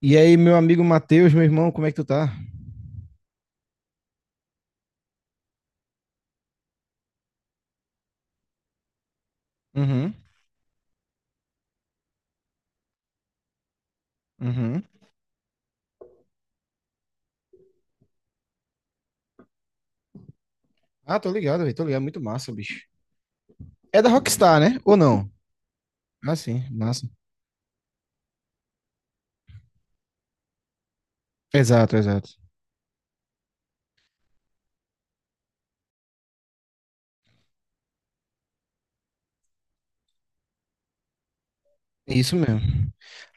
E aí, meu amigo Matheus, meu irmão, como é que tu tá? Uhum, uhum. Ah, tô ligado, velho. Tô ligado. Muito massa, bicho. É da Rockstar, né? Ou não? Ah, sim, massa. Exato, exato. É isso mesmo.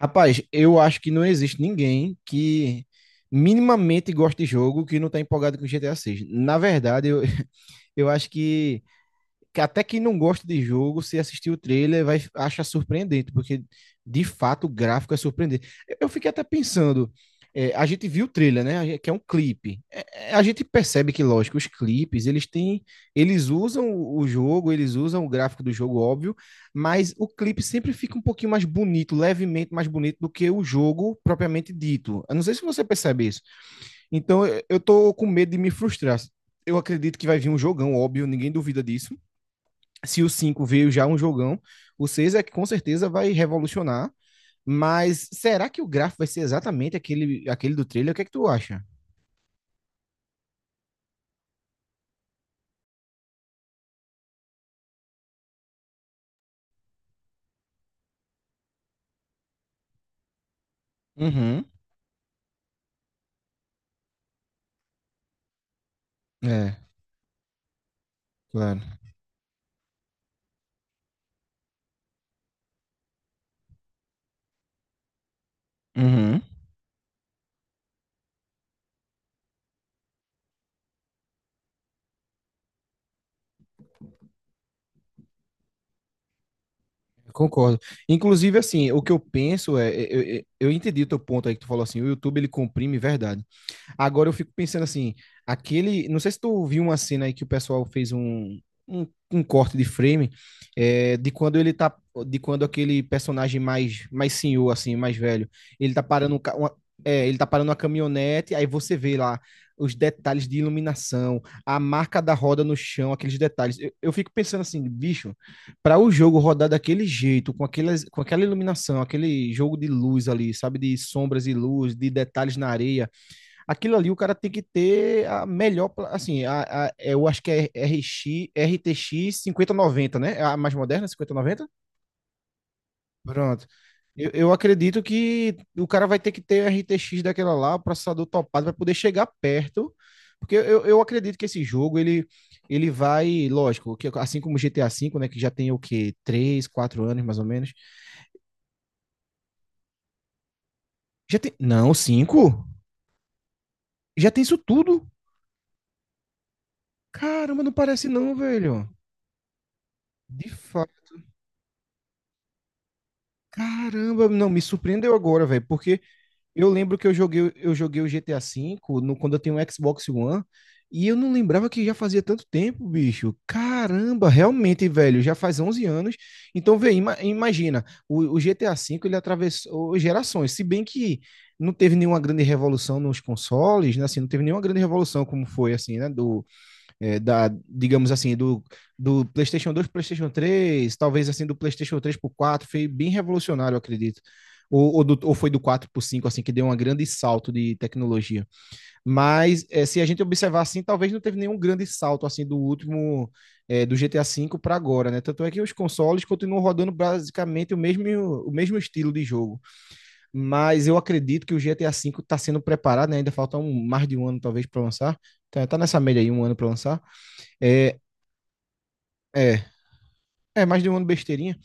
Rapaz, eu acho que não existe ninguém que minimamente goste de jogo que não tá empolgado com GTA 6. Na verdade, eu acho que até quem não gosta de jogo, se assistir o trailer, vai achar surpreendente, porque de fato o gráfico é surpreendente. Eu fiquei até pensando, a gente viu o trailer, né? Que é um clipe. A gente percebe que, lógico, os clipes eles têm, eles usam o jogo, eles usam o gráfico do jogo, óbvio, mas o clipe sempre fica um pouquinho mais bonito, levemente mais bonito do que o jogo propriamente dito. Eu não sei se você percebe isso. Então eu tô com medo de me frustrar. Eu acredito que vai vir um jogão, óbvio, ninguém duvida disso, se o 5 veio já um jogão, o 6 é que com certeza vai revolucionar. Mas será que o gráfico vai ser exatamente aquele, aquele do trailer? O que é que tu acha? Uhum. É, claro. Uhum. Concordo. Inclusive, assim, o que eu penso é, eu entendi o teu ponto aí que tu falou assim, o YouTube ele comprime verdade. Agora eu fico pensando assim, aquele. Não sei se tu viu uma cena aí que o pessoal fez um, um corte de frame, de quando ele tá. De quando aquele personagem mais senhor, assim, mais velho, ele tá parando é, ele tá parando uma caminhonete, aí você vê lá os detalhes de iluminação, a marca da roda no chão, aqueles detalhes. Eu fico pensando assim, bicho, para o jogo rodar daquele jeito, com aquela iluminação, aquele jogo de luz ali, sabe, de sombras e luz, de detalhes na areia, aquilo ali o cara tem que ter a melhor, é, eu acho que é RTX noventa, né? É a mais moderna, cinquenta noventa. Pronto. Eu acredito que o cara vai ter que ter RTX daquela lá, processador topado, para poder chegar perto, porque eu acredito que esse jogo, ele vai, lógico, que assim como o GTA V, né, que já tem o quê? Três, 4 anos, mais ou menos. Já tem, não, cinco. Já tem isso tudo? Caramba, não parece não, velho. De fato. Caramba, não, me surpreendeu agora, velho, porque eu lembro que eu joguei o GTA V no, quando eu tenho um Xbox One, e eu não lembrava que já fazia tanto tempo, bicho. Caramba, realmente, velho, já faz 11 anos. Então, vê, ima- imagina, o GTA V ele atravessou gerações, se bem que não teve nenhuma grande revolução nos consoles, né, assim, não teve nenhuma grande revolução como foi, assim, né, digamos assim, do PlayStation 2 para o PlayStation 3, talvez assim do PlayStation 3 para 4, foi bem revolucionário, eu acredito. Ou foi do 4 para 5, assim, que deu um grande salto de tecnologia. Mas é, se a gente observar assim, talvez não teve nenhum grande salto assim do último, do GTA V para agora, né? Tanto é que os consoles continuam rodando basicamente o mesmo estilo de jogo. Mas eu acredito que o GTA V está sendo preparado, né? Ainda falta mais de um ano, talvez, para lançar. Tá nessa média aí, um ano para lançar. É, é, é mais de um ano, besteirinha.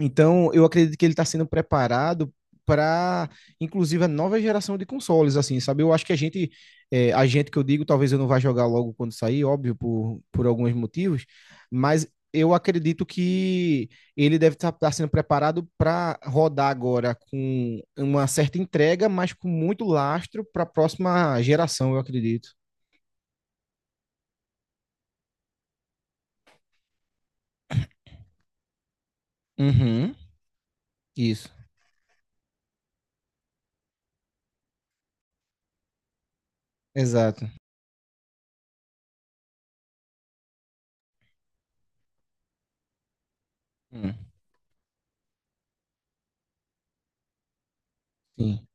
Então, eu acredito que ele está sendo preparado para, inclusive, a nova geração de consoles, assim, sabe? Eu acho que a gente, a gente que eu digo, talvez eu não vá jogar logo quando sair, óbvio, por alguns motivos, mas eu acredito que ele deve estar sendo preparado para rodar agora com uma certa entrega, mas com muito lastro para a próxima geração, eu acredito. Uhum. Isso, exato. Hum. Sim,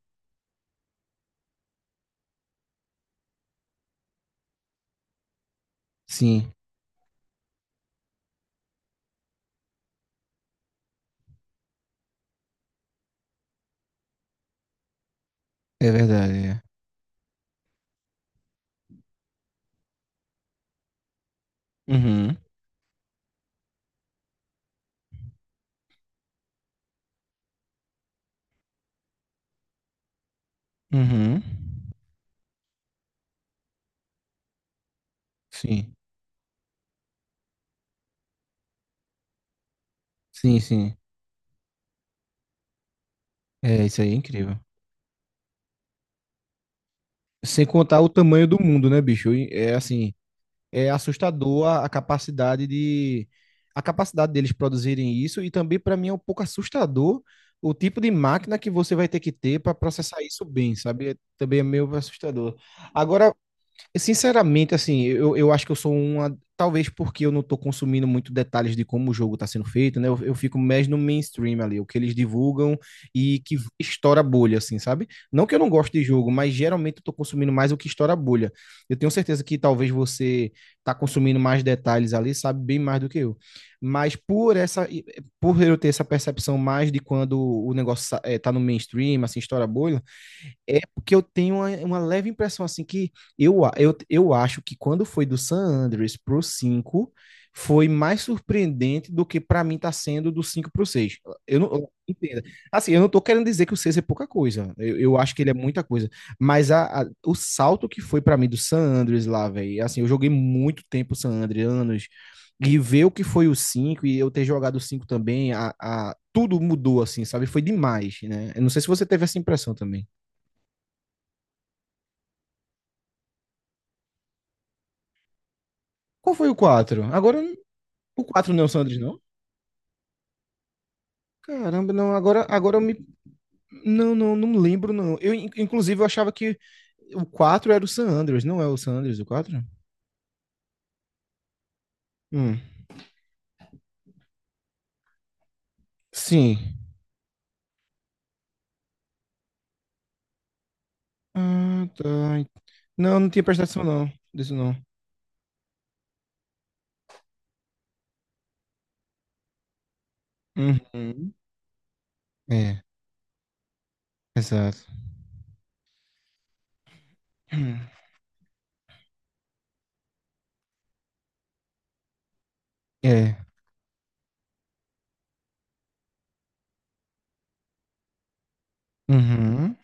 sim, é verdade. É. Uhum, uhum. Sim, sim, sim. É, isso aí é incrível. Sem contar o tamanho do mundo, né, bicho? E é assim, é assustador a capacidade de a capacidade deles produzirem isso, e também para mim é um pouco assustador o tipo de máquina que você vai ter que ter para processar isso bem, sabe? É- Também é meio assustador. Agora, sinceramente, assim, eu acho que eu sou uma. Talvez porque eu não tô consumindo muito detalhes de como o jogo tá sendo feito, né? Eu fico mais no mainstream ali, o que eles divulgam e que estoura a bolha, assim, sabe? Não que eu não goste de jogo, mas geralmente eu tô consumindo mais o que estoura a bolha. Eu tenho certeza que talvez você tá consumindo mais detalhes ali, sabe bem mais do que eu. Mas por essa, por eu ter essa percepção mais de quando o negócio é, tá no mainstream, assim, estoura a bolha, é porque eu tenho uma leve impressão, assim, que eu acho que quando foi do San Andreas pro 5 foi mais surpreendente do que para mim tá sendo do 5 pro 6. Eu não eu- entenda. Assim, eu não tô querendo dizer que o 6 é pouca coisa. Eu acho que ele é muita coisa. Mas a, o salto que foi para mim do San Andreas lá, velho, assim, eu joguei muito tempo San Andreas, anos, e ver o que foi o cinco, e eu ter jogado o 5 também, tudo mudou, assim, sabe? Foi demais, né? Eu não sei se você teve essa impressão também. Qual foi o 4? Agora, o 4 não é o Sanders, não? Caramba, não, agora, agora eu me. Não me lembro, não. Eu, in- inclusive, eu achava que o quatro era o San Andreas, não é o San Andreas, o 4? Hum, sim. Ah, tá. Não, não tinha prestado atenção, não. Disso não. Uhum. É, exato. Hum, É. Uhum.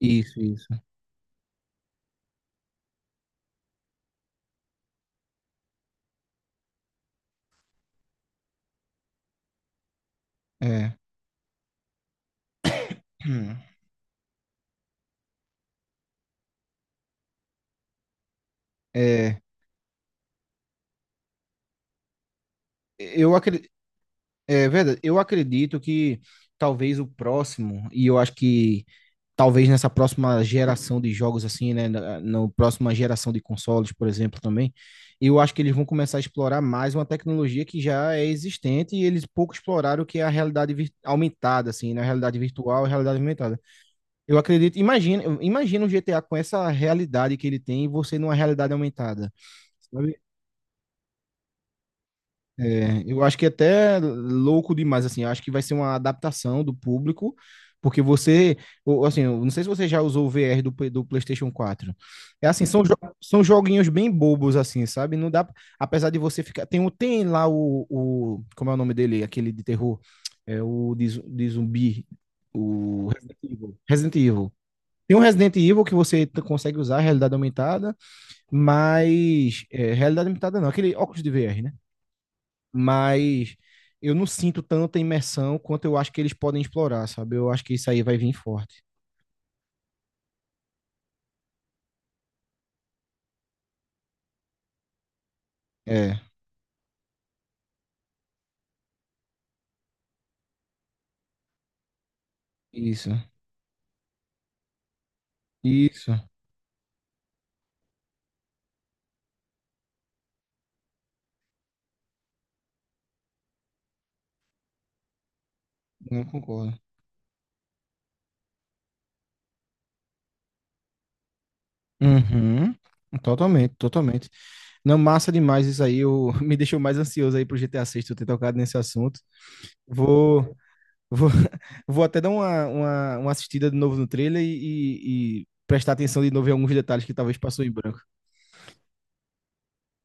Isso, isso. É. Hum, é. Eu acredito. É verdade. Eu acredito que talvez o próximo, e eu acho que talvez nessa próxima geração de jogos, assim, né? Na próxima geração de consoles, por exemplo, também, eu acho que eles vão começar a explorar mais uma tecnologia que já é existente e eles pouco exploraram, o que é a realidade aumentada, assim, na, né? A realidade virtual e a realidade aumentada. Eu acredito, imagina, imagina o GTA com essa realidade que ele tem e você numa realidade aumentada. Sabe? É, eu acho que é até louco demais, assim, eu acho que vai ser uma adaptação do público, porque você, ou, assim, eu não sei se você já usou o VR do, Play- do PlayStation 4. É assim, são, são joguinhos bem bobos, assim, sabe? Não dá, apesar de você ficar, tem, tem lá como é o nome dele, aquele de terror, é o de, de zumbi, o Resident Evil. Resident Evil. Tem um Resident Evil que você consegue usar a realidade aumentada, mas, é, realidade aumentada não, aquele óculos de VR, mas eu não sinto tanta imersão quanto eu acho que eles podem explorar, sabe? Eu acho que isso aí vai vir forte. É, isso, isso, não concordo. Uhum. Totalmente, totalmente. Não, massa demais isso aí. Eu, me deixou mais ansioso aí pro GTA 6 tu ter tocado nesse assunto. Vou, vou, vou até dar uma assistida de novo no trailer e, e prestar atenção de novo em alguns detalhes que talvez passou em branco.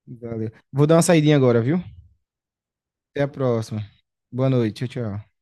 Valeu. Vou dar uma saidinha agora, viu? Até a próxima. Boa noite. Tchau, tchau.